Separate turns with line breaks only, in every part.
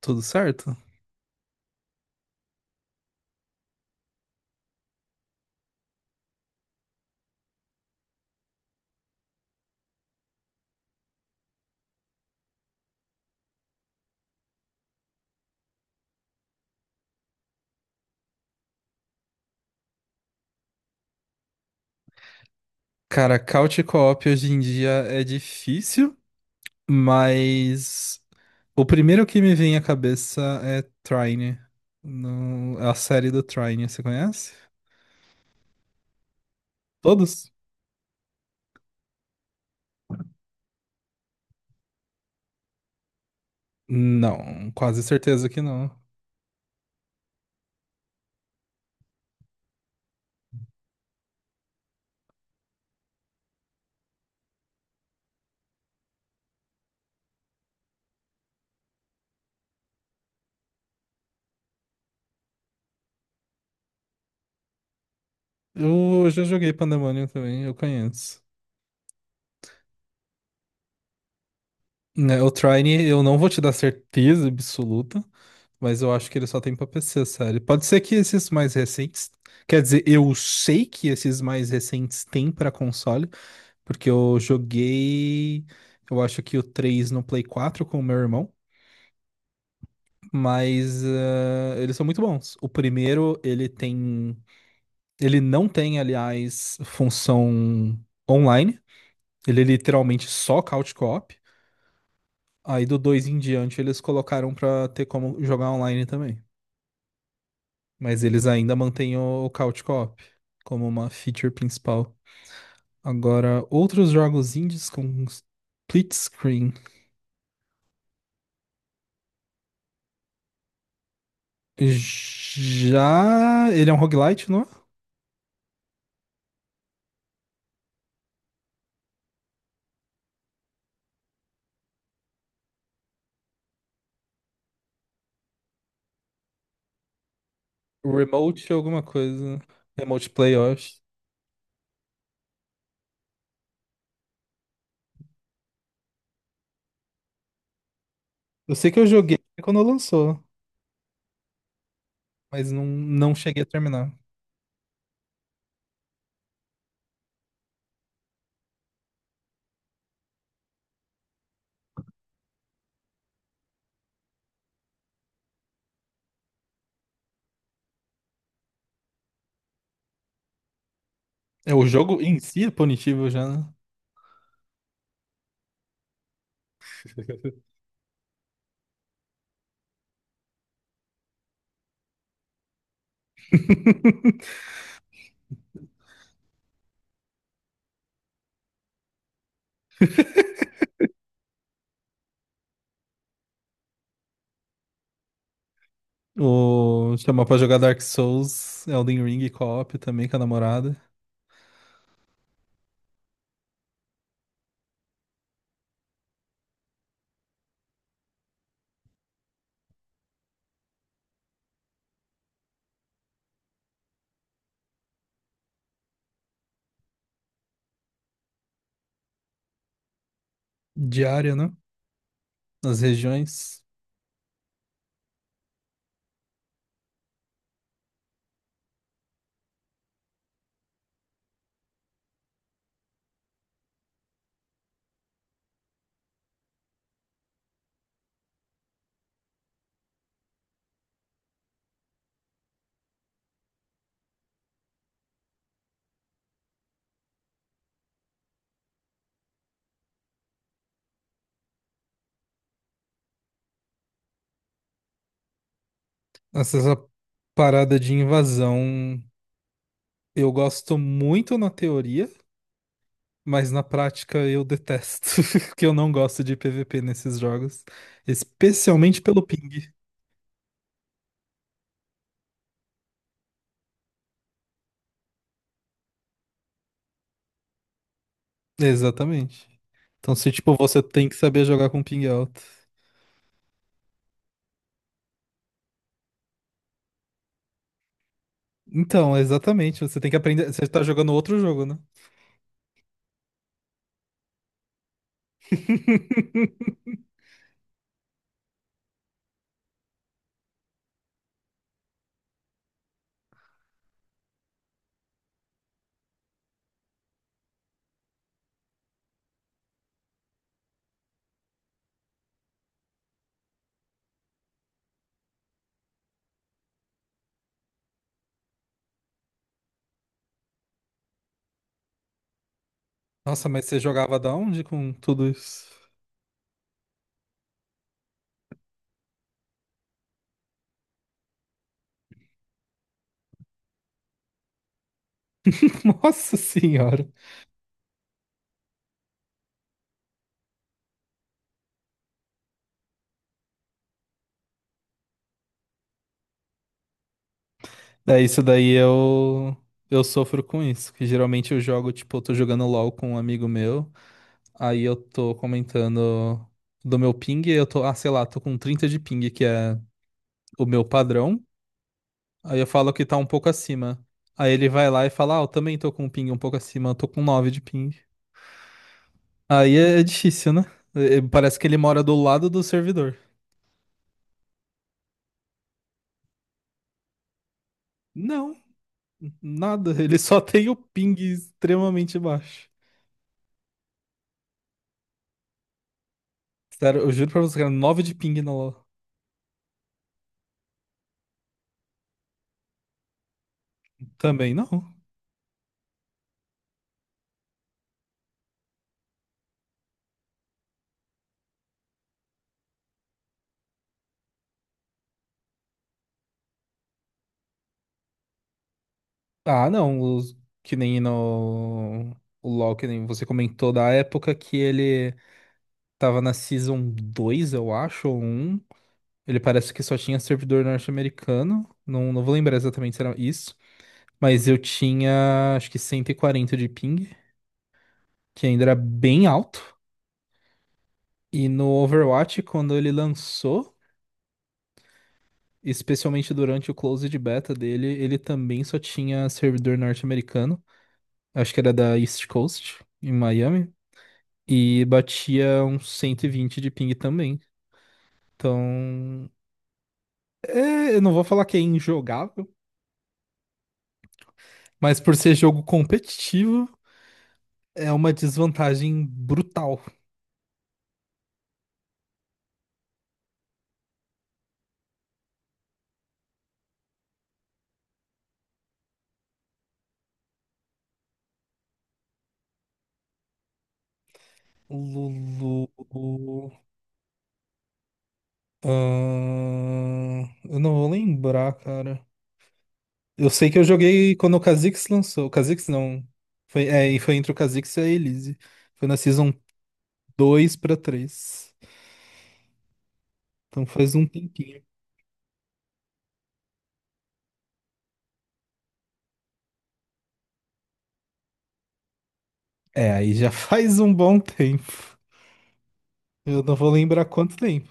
Tudo certo? Cara, couch co-op hoje em dia é difícil, mas o primeiro que me vem à cabeça é Trine. A série do Trine, você conhece? Todos? Não, quase certeza que não. Eu já joguei Pandemonium também, eu conheço. Né, o Trine, eu não vou te dar certeza absoluta, mas eu acho que ele só tem pra PC, sério. Pode ser que esses mais recentes. Quer dizer, eu sei que esses mais recentes têm pra console. Porque eu joguei, eu acho que o 3 no Play 4 com o meu irmão, mas eles são muito bons. O primeiro, ele tem, ele não tem, aliás, função online, ele é literalmente só couch co-op. Aí do 2 em diante eles colocaram pra ter como jogar online também, mas eles ainda mantêm o couch co-op como uma feature principal. Agora, outros jogos indies com split screen. Já. Ele é um roguelite, não? É? Remote alguma coisa. Remote Playoffs. Eu sei que eu joguei quando lançou, mas não, não cheguei a terminar. É, o jogo em si é punitivo já, né? Chamar pra jogar Dark Souls, Elden Ring e co-op também com a namorada. Diária, né? Nas regiões. Essa parada de invasão eu gosto muito na teoria, mas na prática eu detesto, porque eu não gosto de PVP nesses jogos, especialmente pelo ping. Exatamente. Então, se tipo, você tem que saber jogar com ping alto. Então, exatamente, você tem que aprender, você tá jogando outro jogo, né? Nossa, mas você jogava da onde com tudo isso? Nossa senhora. É isso daí eu sofro com isso, que geralmente eu jogo, tipo, eu tô jogando LoL com um amigo meu. Aí eu tô comentando do meu ping, e eu tô, ah, sei lá, tô com 30 de ping, que é o meu padrão. Aí eu falo que tá um pouco acima. Aí ele vai lá e fala, ah, eu também tô com um ping um pouco acima, eu tô com 9 de ping. Aí é difícil, né? Parece que ele mora do lado do servidor. Não, nada, ele só tem o ping extremamente baixo. Sério, eu juro pra você, cara, nove de ping no LoL. Também não. Ah, não, que nem no... O LoL, que nem você comentou da época que ele tava na Season 2, eu acho, ou um. Ele parece que só tinha servidor norte-americano. Não, não vou lembrar exatamente se era isso. Mas eu tinha, acho que 140 de ping, que ainda era bem alto. E no Overwatch, quando ele lançou, especialmente durante o closed beta dele, ele também só tinha servidor norte-americano. Acho que era da East Coast, em Miami. E batia uns 120 de ping também. Então, é, eu não vou falar que é injogável, mas por ser jogo competitivo, é uma desvantagem brutal. Lulu. ahn, eu não vou lembrar, cara. Eu sei que eu joguei quando o Kha'Zix lançou. O Kha'Zix não. Foi, é, e foi entre o Kha'Zix e a Elise. Foi na Season 2 pra 3. Então faz um tempinho. É, aí já faz um bom tempo. Eu não vou lembrar quanto tempo.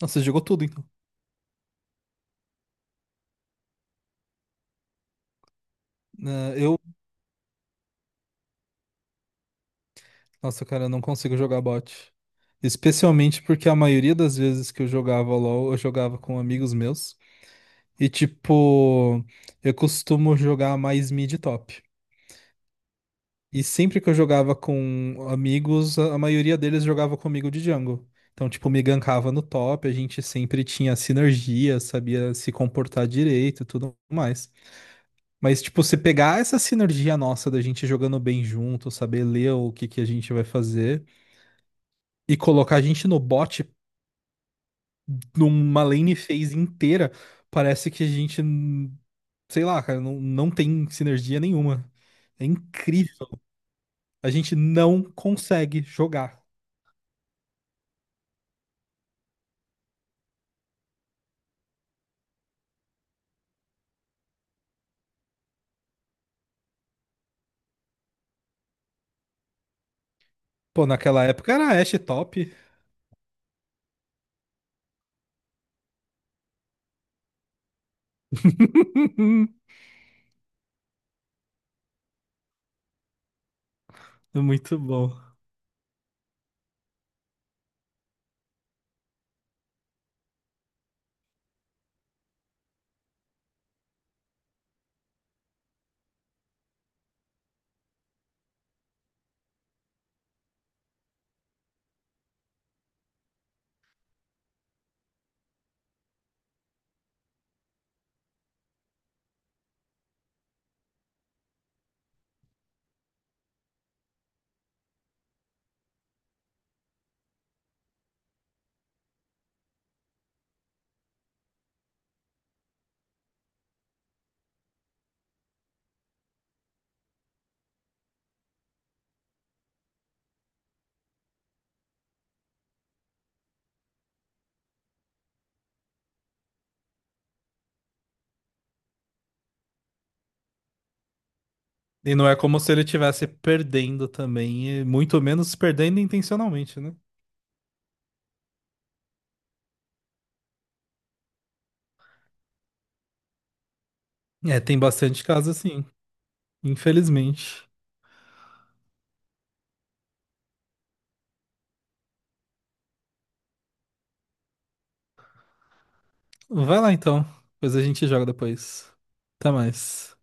Nossa, você jogou tudo, então. Ah, eu Nossa, cara, eu não consigo jogar bot. Especialmente porque a maioria das vezes que eu jogava LoL, eu jogava com amigos meus. E, tipo, eu costumo jogar mais mid top. E sempre que eu jogava com amigos, a maioria deles jogava comigo de jungle. Então, tipo, me gankava no top, a gente sempre tinha sinergia, sabia se comportar direito e tudo mais. Mas, tipo, se pegar essa sinergia nossa da gente jogando bem junto, saber ler o que que a gente vai fazer e colocar a gente no bot numa lane phase inteira, parece que a gente, sei lá, cara, não, não tem sinergia nenhuma. É incrível. A gente não consegue jogar. Pô, naquela época era Ashe top. Muito bom. E não é como se ele estivesse perdendo também, e muito menos perdendo intencionalmente, né? É, tem bastante caso assim, infelizmente. Vai lá então, depois a gente joga depois. Até mais.